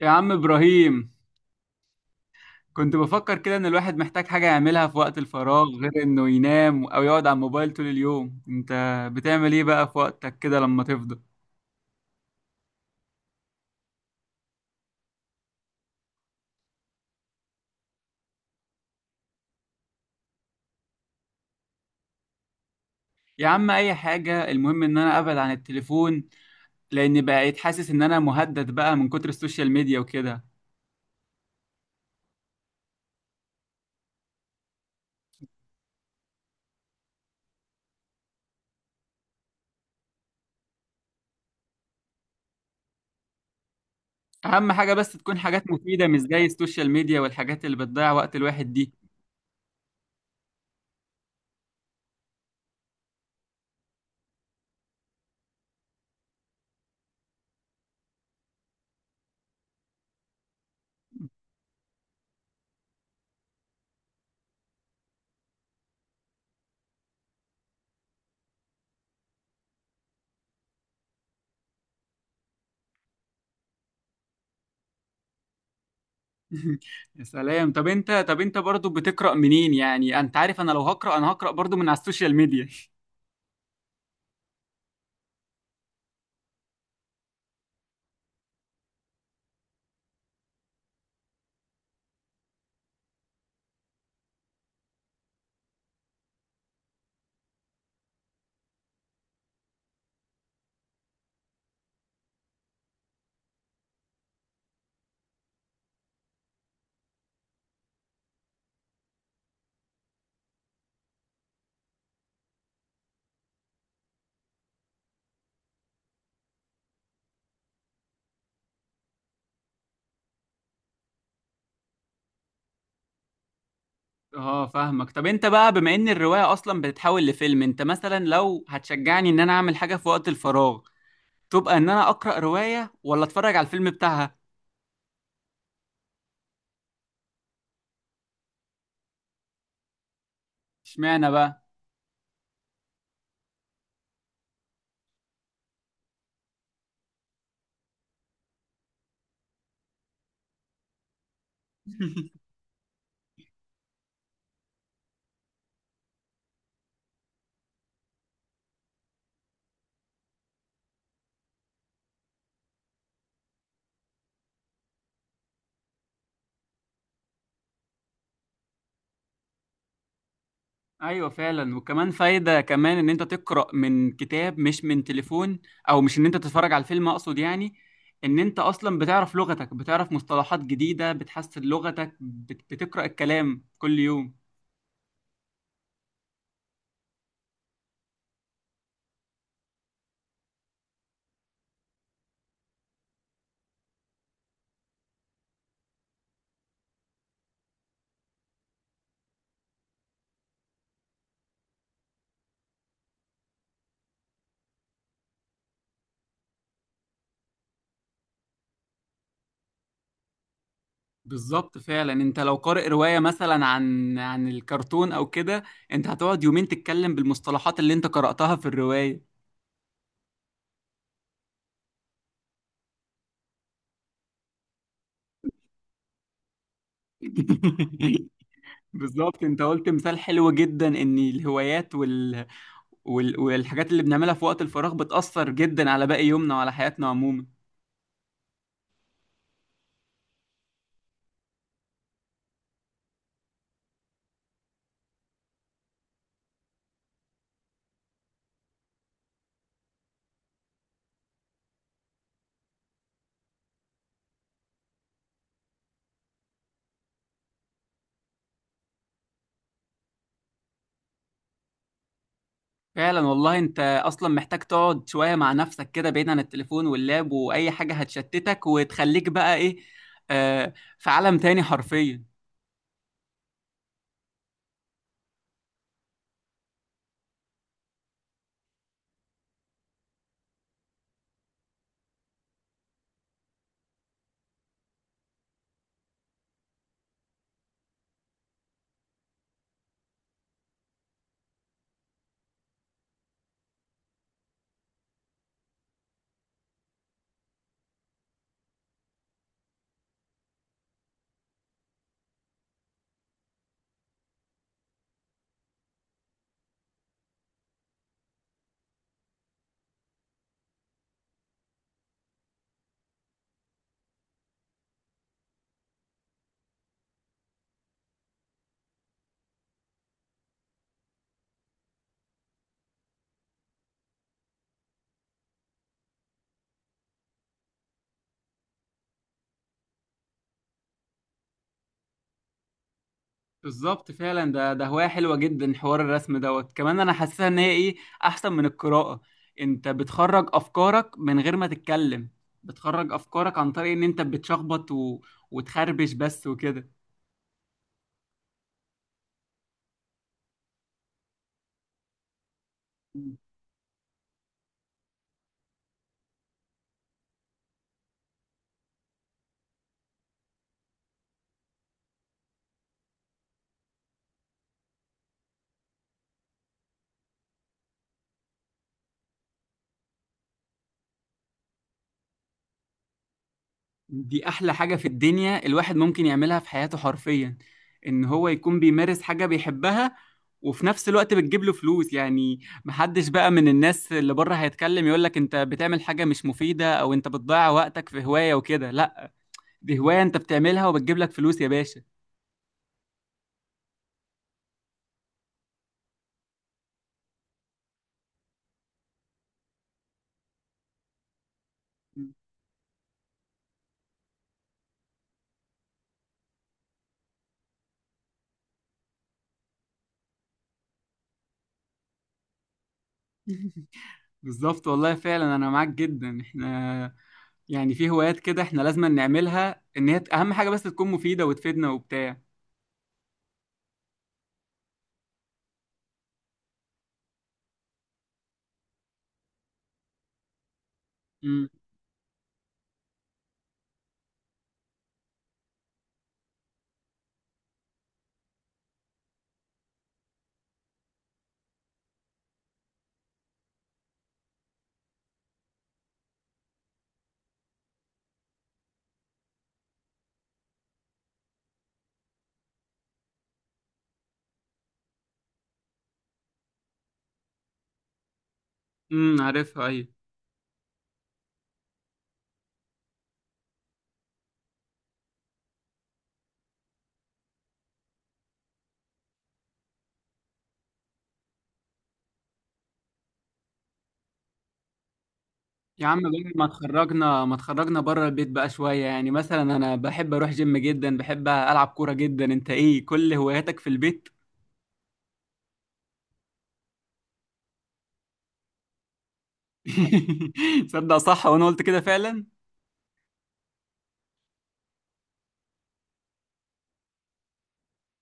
يا عم إبراهيم، كنت بفكر كده إن الواحد محتاج حاجة يعملها في وقت الفراغ غير إنه ينام أو يقعد على الموبايل طول اليوم. أنت بتعمل إيه بقى في وقتك كده لما تفضى؟ يا عم، أي حاجة المهم إن أنا أبعد عن التليفون، لأن بقيت حاسس إن أنا مهدد بقى من كتر السوشيال ميديا وكده. أهم حاجة بس تكون حاجات مفيدة، مش زي السوشيال ميديا والحاجات اللي بتضيع وقت الواحد دي. يا سلام. طب انت برضو بتقرأ منين؟ يعني انت عارف انا لو هقرأ انا هقرأ برضو من على السوشيال ميديا. اه فاهمك. طب انت بقى، بما ان الرواية اصلا بتتحول لفيلم، انت مثلا لو هتشجعني ان انا اعمل حاجة في وقت الفراغ تبقى ان انا اقرأ رواية ولا اتفرج على الفيلم بتاعها؟ اشمعنى بقى؟ ايوه فعلا. وكمان فايدة كمان ان انت تقرأ من كتاب مش من تليفون، او مش ان انت تتفرج على الفيلم اقصد يعني، ان انت اصلا بتعرف لغتك، بتعرف مصطلحات جديدة، بتحسن لغتك، بتقرأ الكلام كل يوم. بالظبط فعلا. انت لو قارئ رواية مثلا عن الكرتون او كده انت هتقعد يومين تتكلم بالمصطلحات اللي انت قرأتها في الرواية. بالظبط. انت قلت مثال حلو جدا، ان الهوايات والحاجات اللي بنعملها في وقت الفراغ بتأثر جدا على باقي يومنا وعلى حياتنا عموما. فعلا والله. انت اصلا محتاج تقعد شوية مع نفسك كده بعيد عن التليفون واللاب واي حاجة هتشتتك، وتخليك بقى ايه، آه في عالم تاني حرفيا. بالظبط فعلا. ده هواية حلوة جدا حوار الرسم دوت. كمان انا حاسسها ان هي ايه، احسن من القراءة. انت بتخرج افكارك من غير ما تتكلم. بتخرج افكارك عن طريق ان انت بتشخبط وتخربش بس وكده. دي احلى حاجة في الدنيا الواحد ممكن يعملها في حياته حرفيا، ان هو يكون بيمارس حاجة بيحبها وفي نفس الوقت بتجيب له فلوس يعني. محدش بقى من الناس اللي بره هيتكلم يقولك انت بتعمل حاجة مش مفيدة او انت بتضيع وقتك في هواية وكده، لا، دي هواية انت بتعملها وبتجيب لك فلوس يا باشا. بالظبط والله فعلا انا معاك جدا. احنا يعني في هوايات كده احنا لازم نعملها، ان هي اهم حاجة بس تكون مفيدة وتفيدنا وبتاع. امم. امم، عارفها ايوه. يا عم بقى، ما تخرجنا ما تخرجنا بره البيت بقى شوية، يعني مثلا انا بحب اروح جيم جدا، بحب العب كورة جدا، انت ايه كل هواياتك في البيت؟ صدق صح. وانا قلت كده فعلا.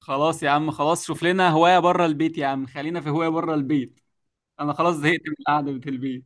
خلاص يا عم، خلاص شوف لنا هواية بره البيت، يا عم خلينا في هواية بره البيت، انا خلاص زهقت من القعده بتاع البيت.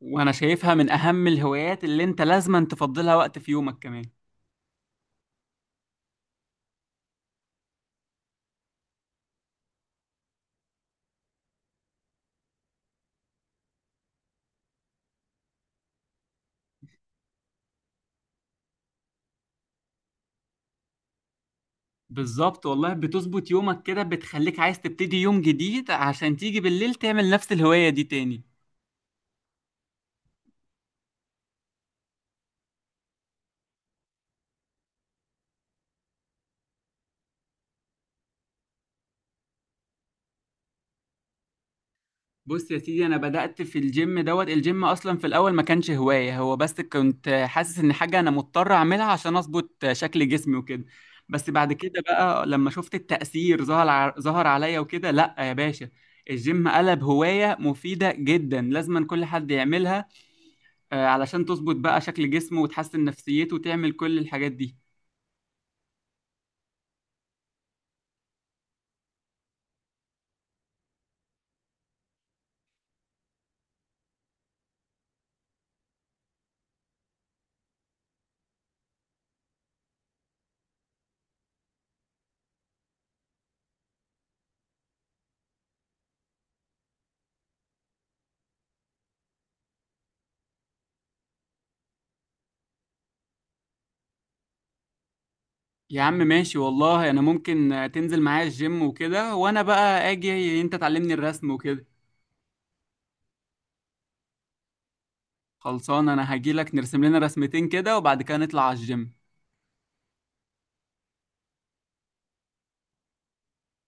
وانا شايفها من اهم الهوايات اللي انت لازما تفضلها وقت في يومك كمان. بالظبط والله. بتظبط يومك كده، بتخليك عايز تبتدي يوم جديد عشان تيجي بالليل تعمل نفس الهوايه دي تاني. بص يا سيدي، انا بدأت في الجيم دوت. الجيم اصلا في الاول ما كانش هواية، هو بس كنت حاسس ان حاجة انا مضطر اعملها عشان اظبط شكل جسمي وكده. بس بعد كده بقى لما شفت التأثير ظهر عليا وكده، لا يا باشا، الجيم قلب هواية مفيدة جدا لازما كل حد يعملها، علشان تظبط بقى شكل جسمه وتحسن نفسيته وتعمل كل الحاجات دي. يا عم ماشي والله. انا ممكن تنزل معايا الجيم وكده وانا بقى اجي انت تعلمني الرسم وكده. خلصان. انا هجيلك نرسم لنا رسمتين كده وبعد كده نطلع على الجيم.